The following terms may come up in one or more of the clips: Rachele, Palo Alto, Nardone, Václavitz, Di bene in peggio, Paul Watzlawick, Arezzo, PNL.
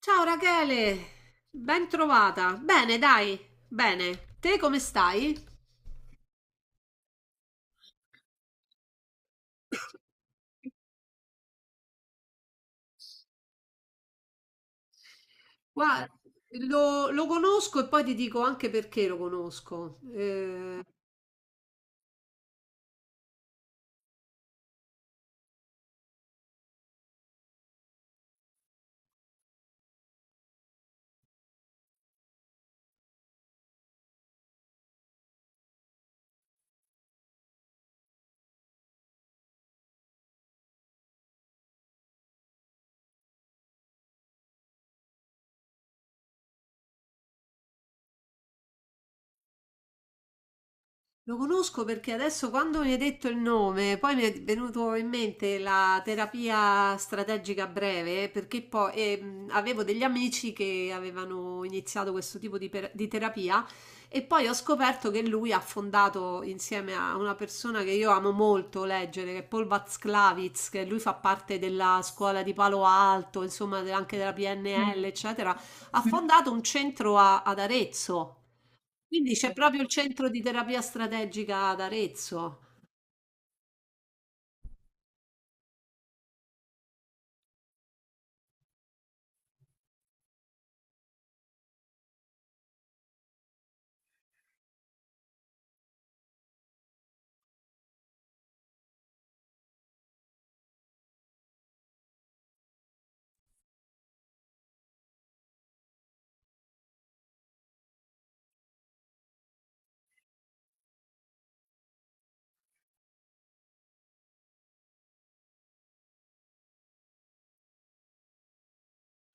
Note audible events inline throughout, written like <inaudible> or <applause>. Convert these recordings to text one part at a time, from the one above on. Ciao Rachele, ben trovata. Bene, dai, bene. Te come stai? Guarda, lo conosco e poi ti dico anche perché lo conosco. Lo conosco perché adesso quando mi hai detto il nome, poi mi è venuto in mente la terapia strategica breve, perché poi avevo degli amici che avevano iniziato questo tipo di terapia e poi ho scoperto che lui ha fondato insieme a una persona che io amo molto leggere, che è Paul Watzlawick, che lui fa parte della scuola di Palo Alto, insomma anche della PNL, eccetera, ha fondato un ad Arezzo. Quindi c'è proprio il centro di terapia strategica ad Arezzo.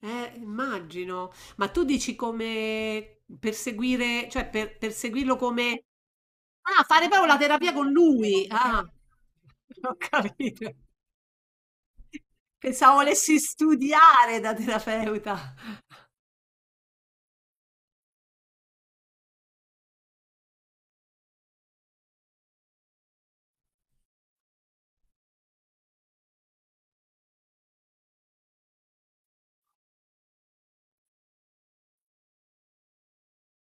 Immagino. Ma tu dici come perseguire, perseguirlo come... Ah, fare proprio la terapia con lui. Ah, <laughs> ho capito. Pensavo volessi studiare da terapeuta.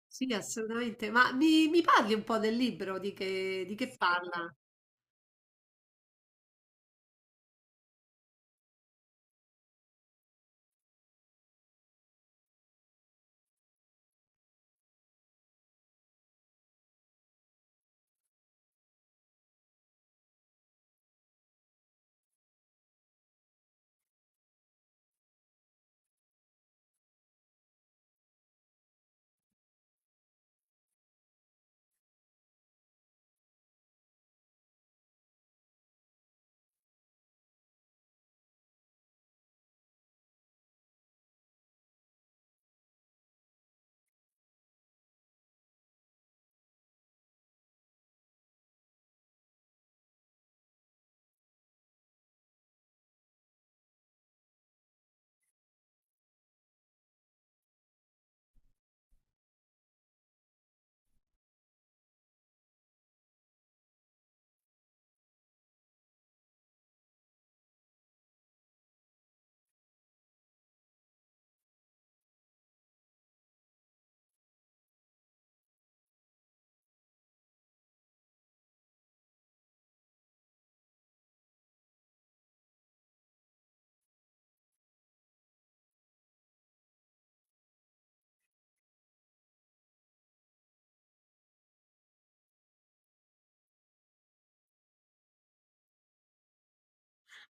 Sì, assolutamente. Ma mi parli un po' del libro, di che parla?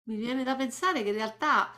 Mi viene da pensare che in realtà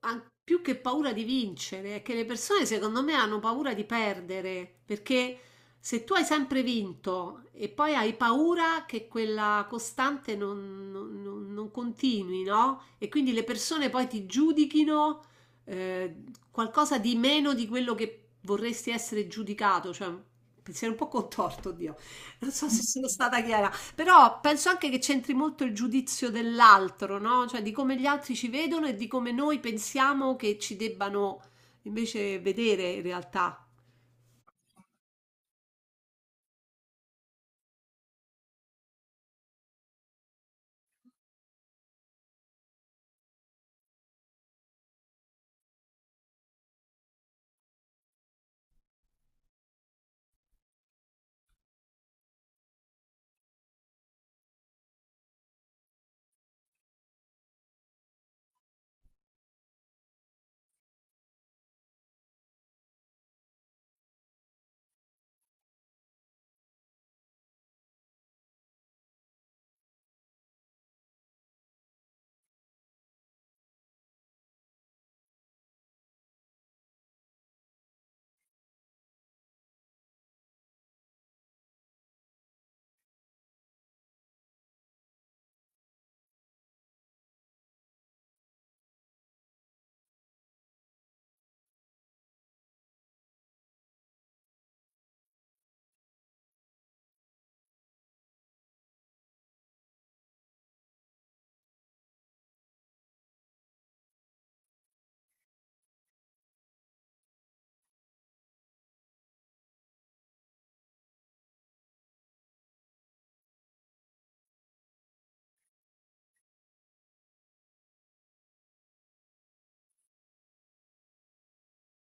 più che paura di vincere, è che le persone secondo me hanno paura di perdere, perché se tu hai sempre vinto e poi hai paura che quella costante non continui, no? E quindi le persone poi ti giudichino eh, qualcosa di meno di quello che vorresti essere giudicato, cioè un pensiero un po' contorto, Dio. Non so se sono stata chiara, però penso anche che c'entri molto il giudizio dell'altro, no? Cioè di come gli altri ci vedono e di come noi pensiamo che ci debbano invece vedere in realtà.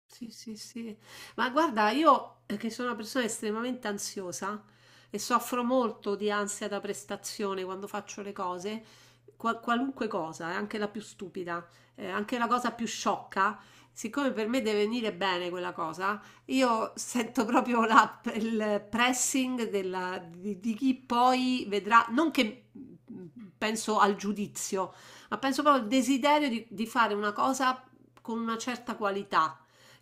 Sì, sì, sì. Ma guarda, io che sono una persona estremamente ansiosa e soffro molto di ansia da prestazione quando faccio le cose, qualunque cosa, anche la più stupida, anche la cosa più sciocca, siccome per me deve venire bene quella cosa, io sento proprio il pressing di chi poi vedrà, non che mm, penso al giudizio, ma penso proprio al desiderio di fare una cosa con una certa qualità.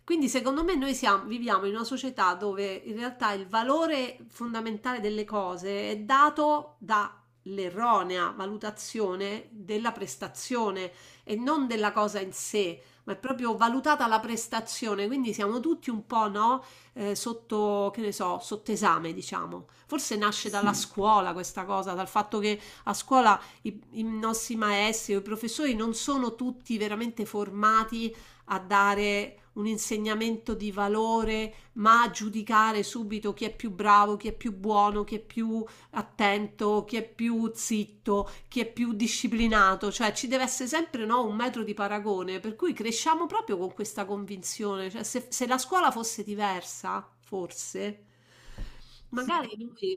Quindi secondo me noi viviamo in una società dove in realtà il valore fondamentale delle cose è dato dall'erronea valutazione della prestazione e non della cosa in sé, ma è proprio valutata la prestazione, quindi siamo tutti un po', no, sotto, che ne so, sotto esame, diciamo. Forse nasce dalla Sì. scuola questa cosa, dal fatto che a scuola i nostri maestri o i professori non sono tutti veramente formati a dare un insegnamento di valore, ma a giudicare subito chi è più bravo, chi è più buono, chi è più attento, chi è più zitto, chi è più disciplinato, cioè ci deve essere sempre no, un metro di paragone, per cui cresciamo proprio con questa convinzione, cioè, se la scuola fosse diversa, forse, magari noi.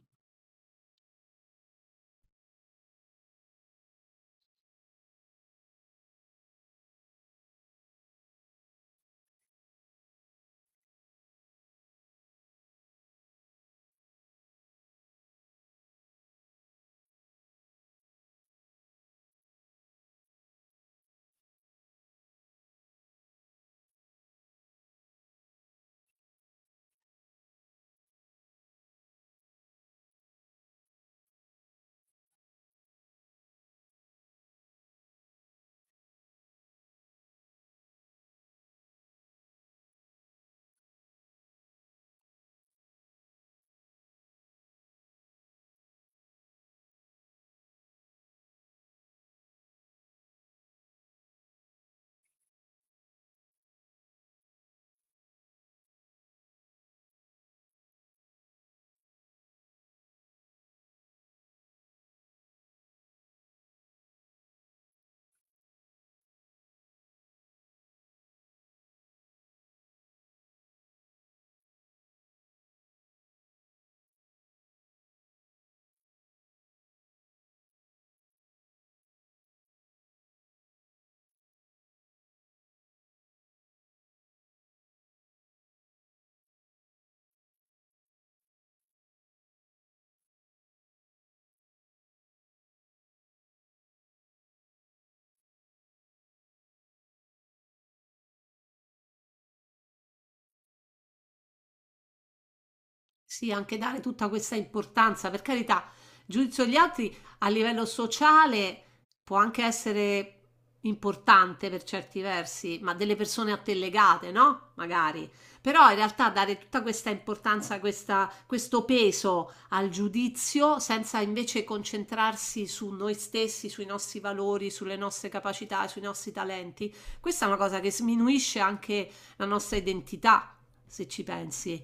Sì, anche dare tutta questa importanza, per carità, giudizio degli altri a livello sociale può anche essere importante per certi versi, ma delle persone a te legate, no? Magari. Però in realtà dare tutta questa importanza, questo peso al giudizio senza invece concentrarsi su noi stessi, sui nostri valori, sulle nostre capacità, sui nostri talenti, questa è una cosa che sminuisce anche la nostra identità, se ci pensi.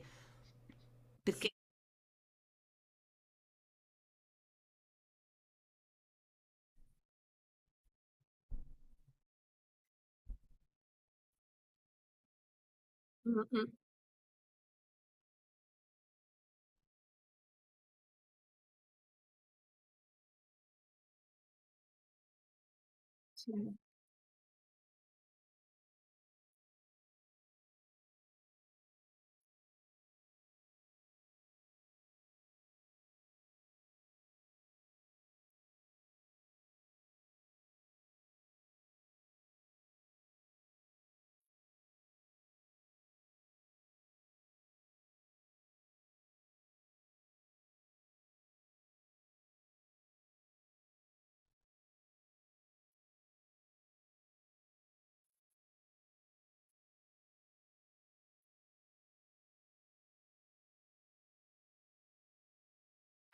Perché mm, mm, sì.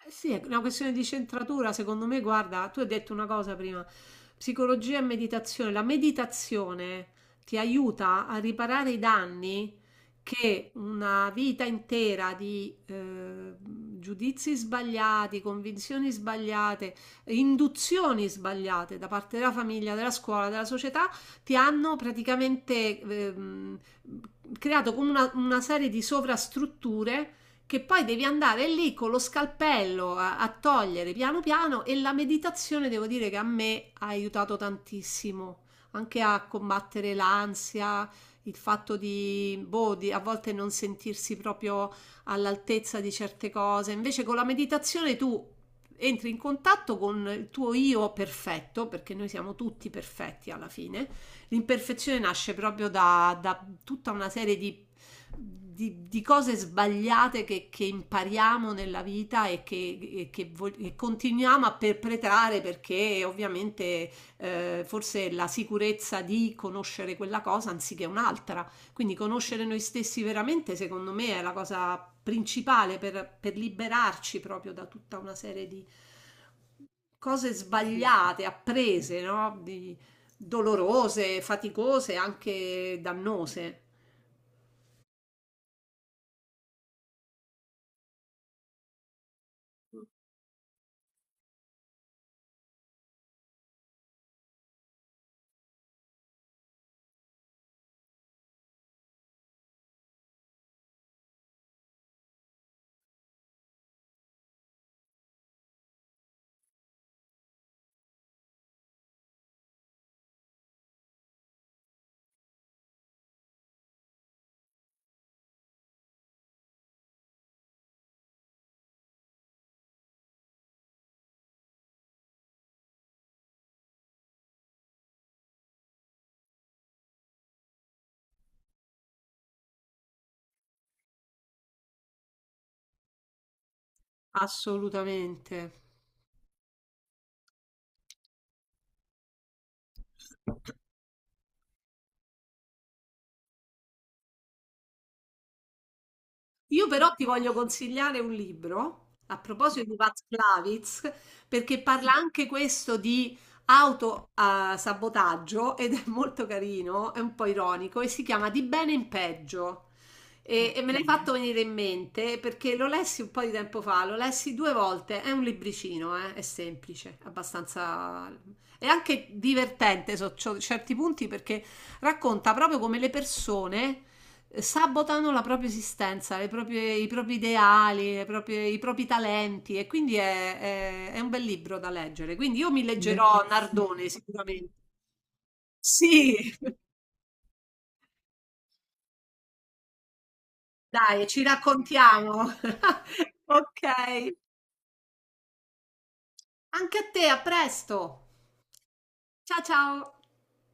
Eh sì, è una questione di centratura, secondo me, guarda, tu hai detto una cosa prima, psicologia e meditazione. La meditazione ti aiuta a riparare i danni che una vita intera di giudizi sbagliati, convinzioni sbagliate, induzioni sbagliate da parte della famiglia, della scuola, della società, ti hanno praticamente creato come una serie di sovrastrutture che poi devi andare lì con lo scalpello a togliere piano piano, e la meditazione devo dire che a me ha aiutato tantissimo anche a combattere l'ansia, il fatto di, boh, di a volte non sentirsi proprio all'altezza di certe cose. Invece con la meditazione tu entri in contatto con il tuo io perfetto, perché noi siamo tutti perfetti alla fine. L'imperfezione nasce proprio da tutta una serie di cose sbagliate impariamo nella vita e che e continuiamo a perpetrare perché ovviamente forse la sicurezza di conoscere quella cosa anziché un'altra. Quindi conoscere noi stessi veramente, secondo me, è la cosa principale per liberarci proprio da tutta una serie di cose sbagliate, apprese, no? Di, dolorose, faticose, anche dannose. Assolutamente. Io però ti voglio consigliare un libro a proposito di Václavitz, perché parla anche questo di autosabotaggio ed è molto carino, è un po' ironico e si chiama Di bene in peggio. E me l'hai fatto venire in mente perché lo lessi un po' di tempo fa, lo lessi 2 volte, è un libricino, è semplice, abbastanza... è anche divertente su certi punti perché racconta proprio come le persone sabotano la propria esistenza, i propri ideali, i propri talenti e quindi è un bel libro da leggere. Quindi io mi leggerò Bellissimo. Nardone sicuramente. Sì, <laughs> dai, ci raccontiamo. <laughs> Ok. Anche a te, a presto. Ciao ciao.